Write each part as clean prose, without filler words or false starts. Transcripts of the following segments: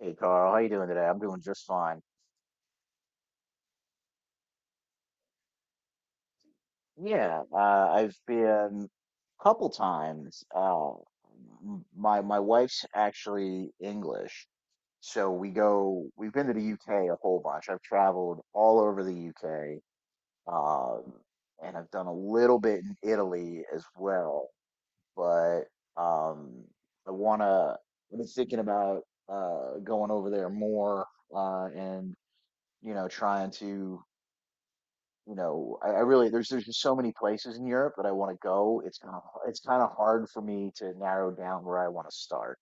Hey Carl, how you doing today? I'm doing just fine. Yeah, I've been a couple times. My wife's actually English, so we go. We've been to the UK a whole bunch. I've traveled all over the UK, um, and I've done a little bit in Italy as well. But um, I wanna. I've been thinking about going over there more and you know trying to. You know, I really there's just so many places in Europe that I want to go. It's kind of hard for me to narrow down where I want to start.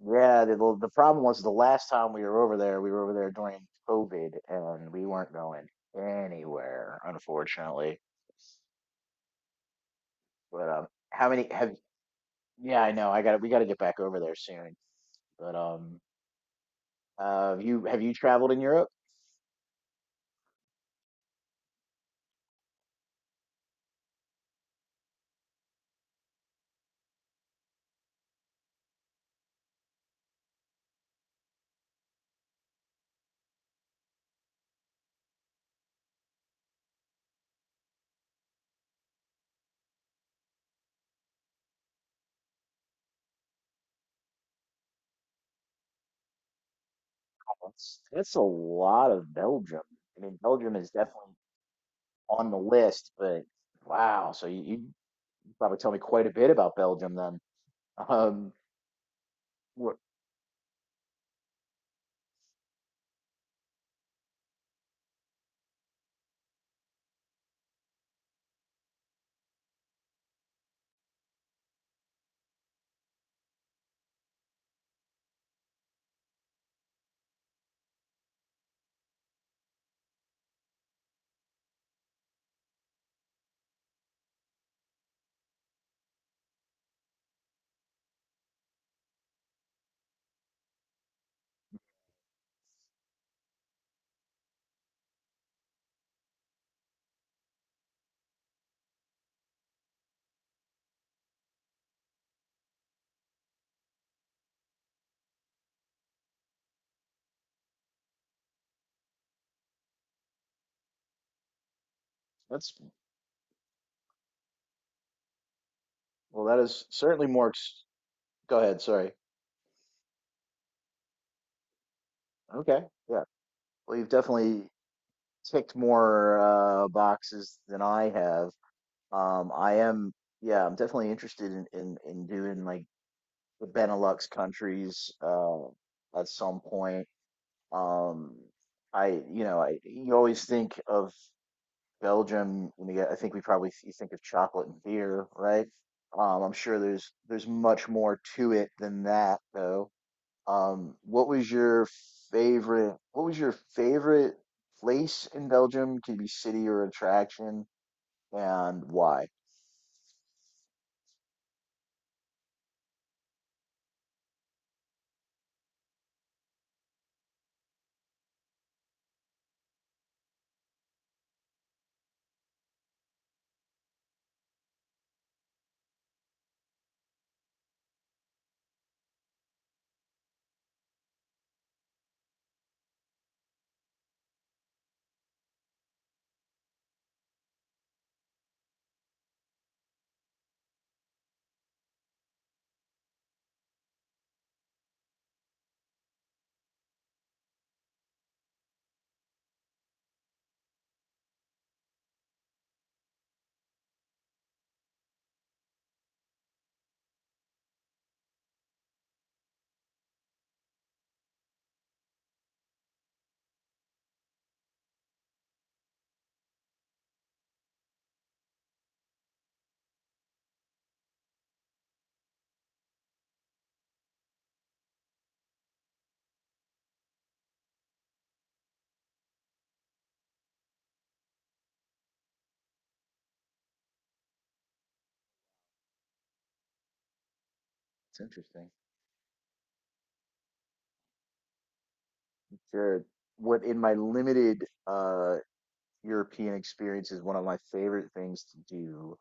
Yeah, the problem was the last time we were over there, we were over there during COVID, and we weren't going anywhere, unfortunately. But How many have? Yeah, I know. I got to We got to get back over there soon. But have you traveled in Europe? That's a lot of Belgium. I mean, Belgium is definitely on the list, but wow. So you probably tell me quite a bit about Belgium then. Um, that's that is certainly more. Ex- Go ahead. Sorry. Okay. Yeah. Well, you've definitely ticked more boxes than I have. I am. Yeah, I'm definitely interested in in doing like the Benelux countries at some point. Um, I, you always think of Belgium, when you get, I think we probably you think of chocolate and beer, right? I'm sure there's much more to it than that, though. Um, what was your What was your favorite place in Belgium? Could be city or attraction, and why? It's interesting. Sure. What in my limited European experience is one of my favorite things to do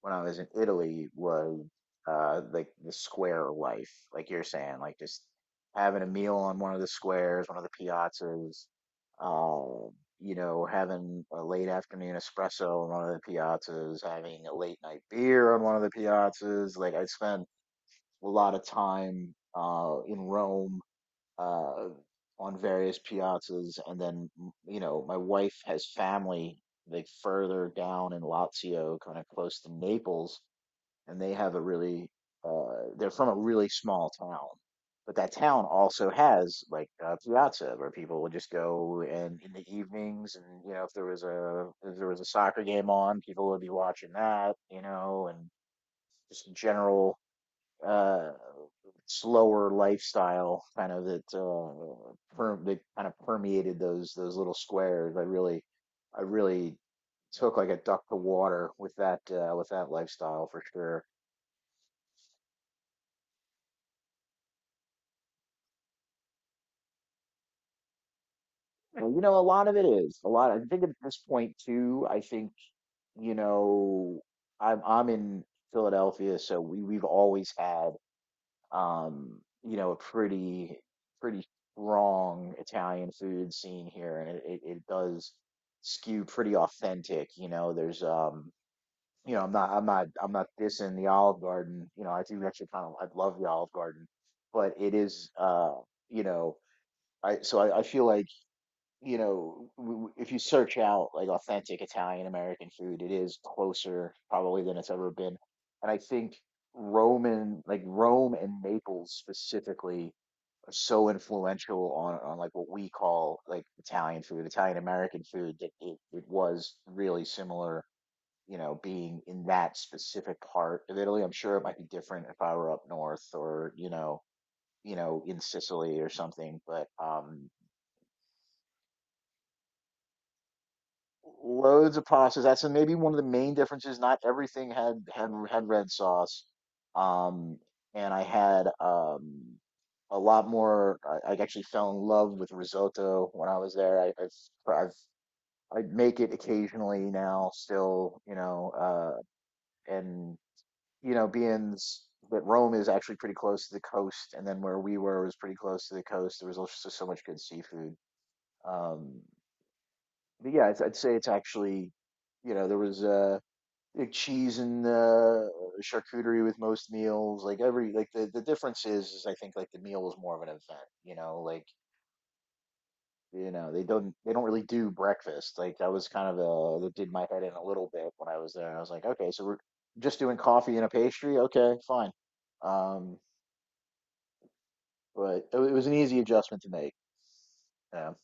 when I was in Italy was like the square life, like you're saying, like just having a meal on one of the squares, one of the piazzas, um, you know, having a late afternoon espresso on one of the piazzas, having a late night beer on one of the piazzas. Like I spent a lot of time in Rome uh, on various piazzas, and then you know my wife has family like further down in Lazio, kind of close to Naples, and they have a really they're from a really small town, but that town also has like a piazza where people would just go and in the evenings, and you know if there was a soccer game on, people would be watching that, you know, and just general uh, slower lifestyle kind of that that kind of permeated those little squares. I really took like a duck to water with that lifestyle for sure. And you know, a lot of it is a lot. I think at this point too. I think you know I'm in Philadelphia, so we've always had you know, a pretty strong Italian food scene here, and it does skew pretty authentic. You know, there's you know, I'm not dissing the Olive Garden. You know, I do actually kind of I love the Olive Garden, but it is you know, I feel like you know, if you search out like authentic Italian American food, it is closer probably than it's ever been. And I think Rome and Naples specifically are so influential on like what we call like Italian food, Italian American food that it was really similar, you know, being in that specific part of Italy. I'm sure it might be different if I were up north or, you know, in Sicily or something, but loads of pasta. That's maybe one of the main differences. Not everything had red sauce, um, and I had a lot more. I actually fell in love with risotto when I was there. I've I make it occasionally now, still, you know, and you know, that Rome is actually pretty close to the coast, and then where we were was pretty close to the coast. There was also so much good seafood. Um, but yeah, I'd say it's actually, you know, there was. Like cheese and charcuterie with most meals. Like every like the difference is I think like the meal is more of an event. You know, like you know they don't really do breakfast. Like that was kind of that did my head in a little bit when I was there. I was like, okay, so we're just doing coffee and a pastry. Okay, fine. Um, but it was an easy adjustment to make. Yeah.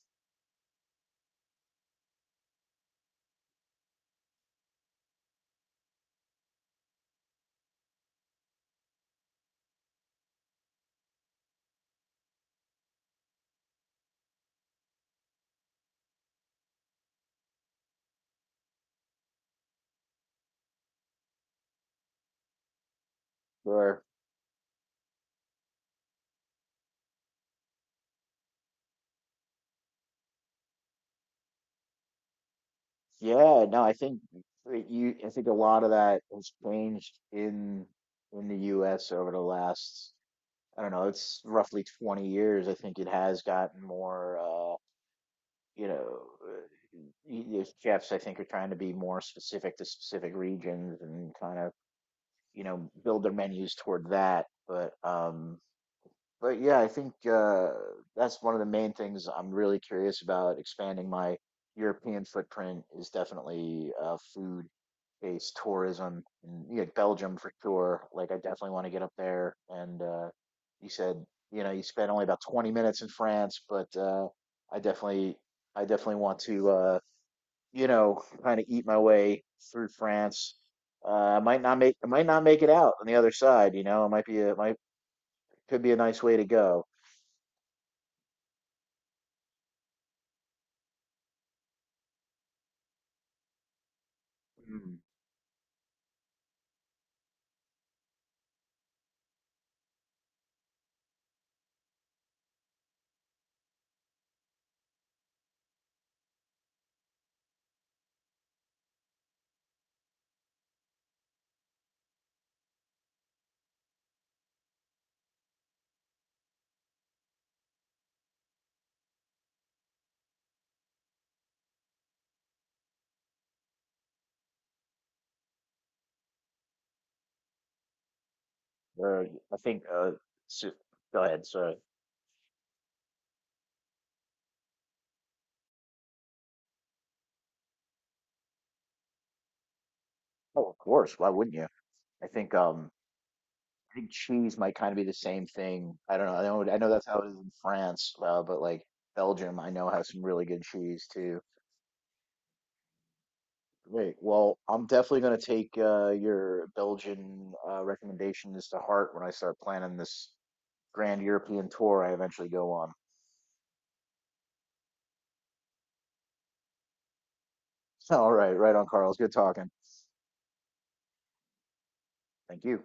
Or yeah, no, I think that you I think a lot of that has changed in the U.S. over the last I don't know, it's roughly 20 years. I think it has gotten more, you know, uh, these chefs, I think, are trying to be more specific to specific regions and kind of, build their menus toward that. But yeah, I think that's one of the main things I'm really curious about expanding my European footprint is definitely food-based tourism. And, yeah, Belgium for sure. Like, I definitely want to get up there. And you said, you know, you spent only about 20 minutes in France, but I definitely, I definitely want to, you know, kind of eat my way through France. Uh, I might not make it out on the other side. You know, it might be, might could be a nice way to go. Mm, uh, I think, so, go ahead. So, oh, of course. Why wouldn't you? I think, um, I think cheese might kind of be the same thing. I don't know. I know that's how it is in France, but like Belgium, I know has some really good cheese too. Great. Well, I'm definitely going to take your Belgian recommendations to heart when I start planning this grand European tour I eventually go on. All right, right on, Carl. It's good talking. Thank you.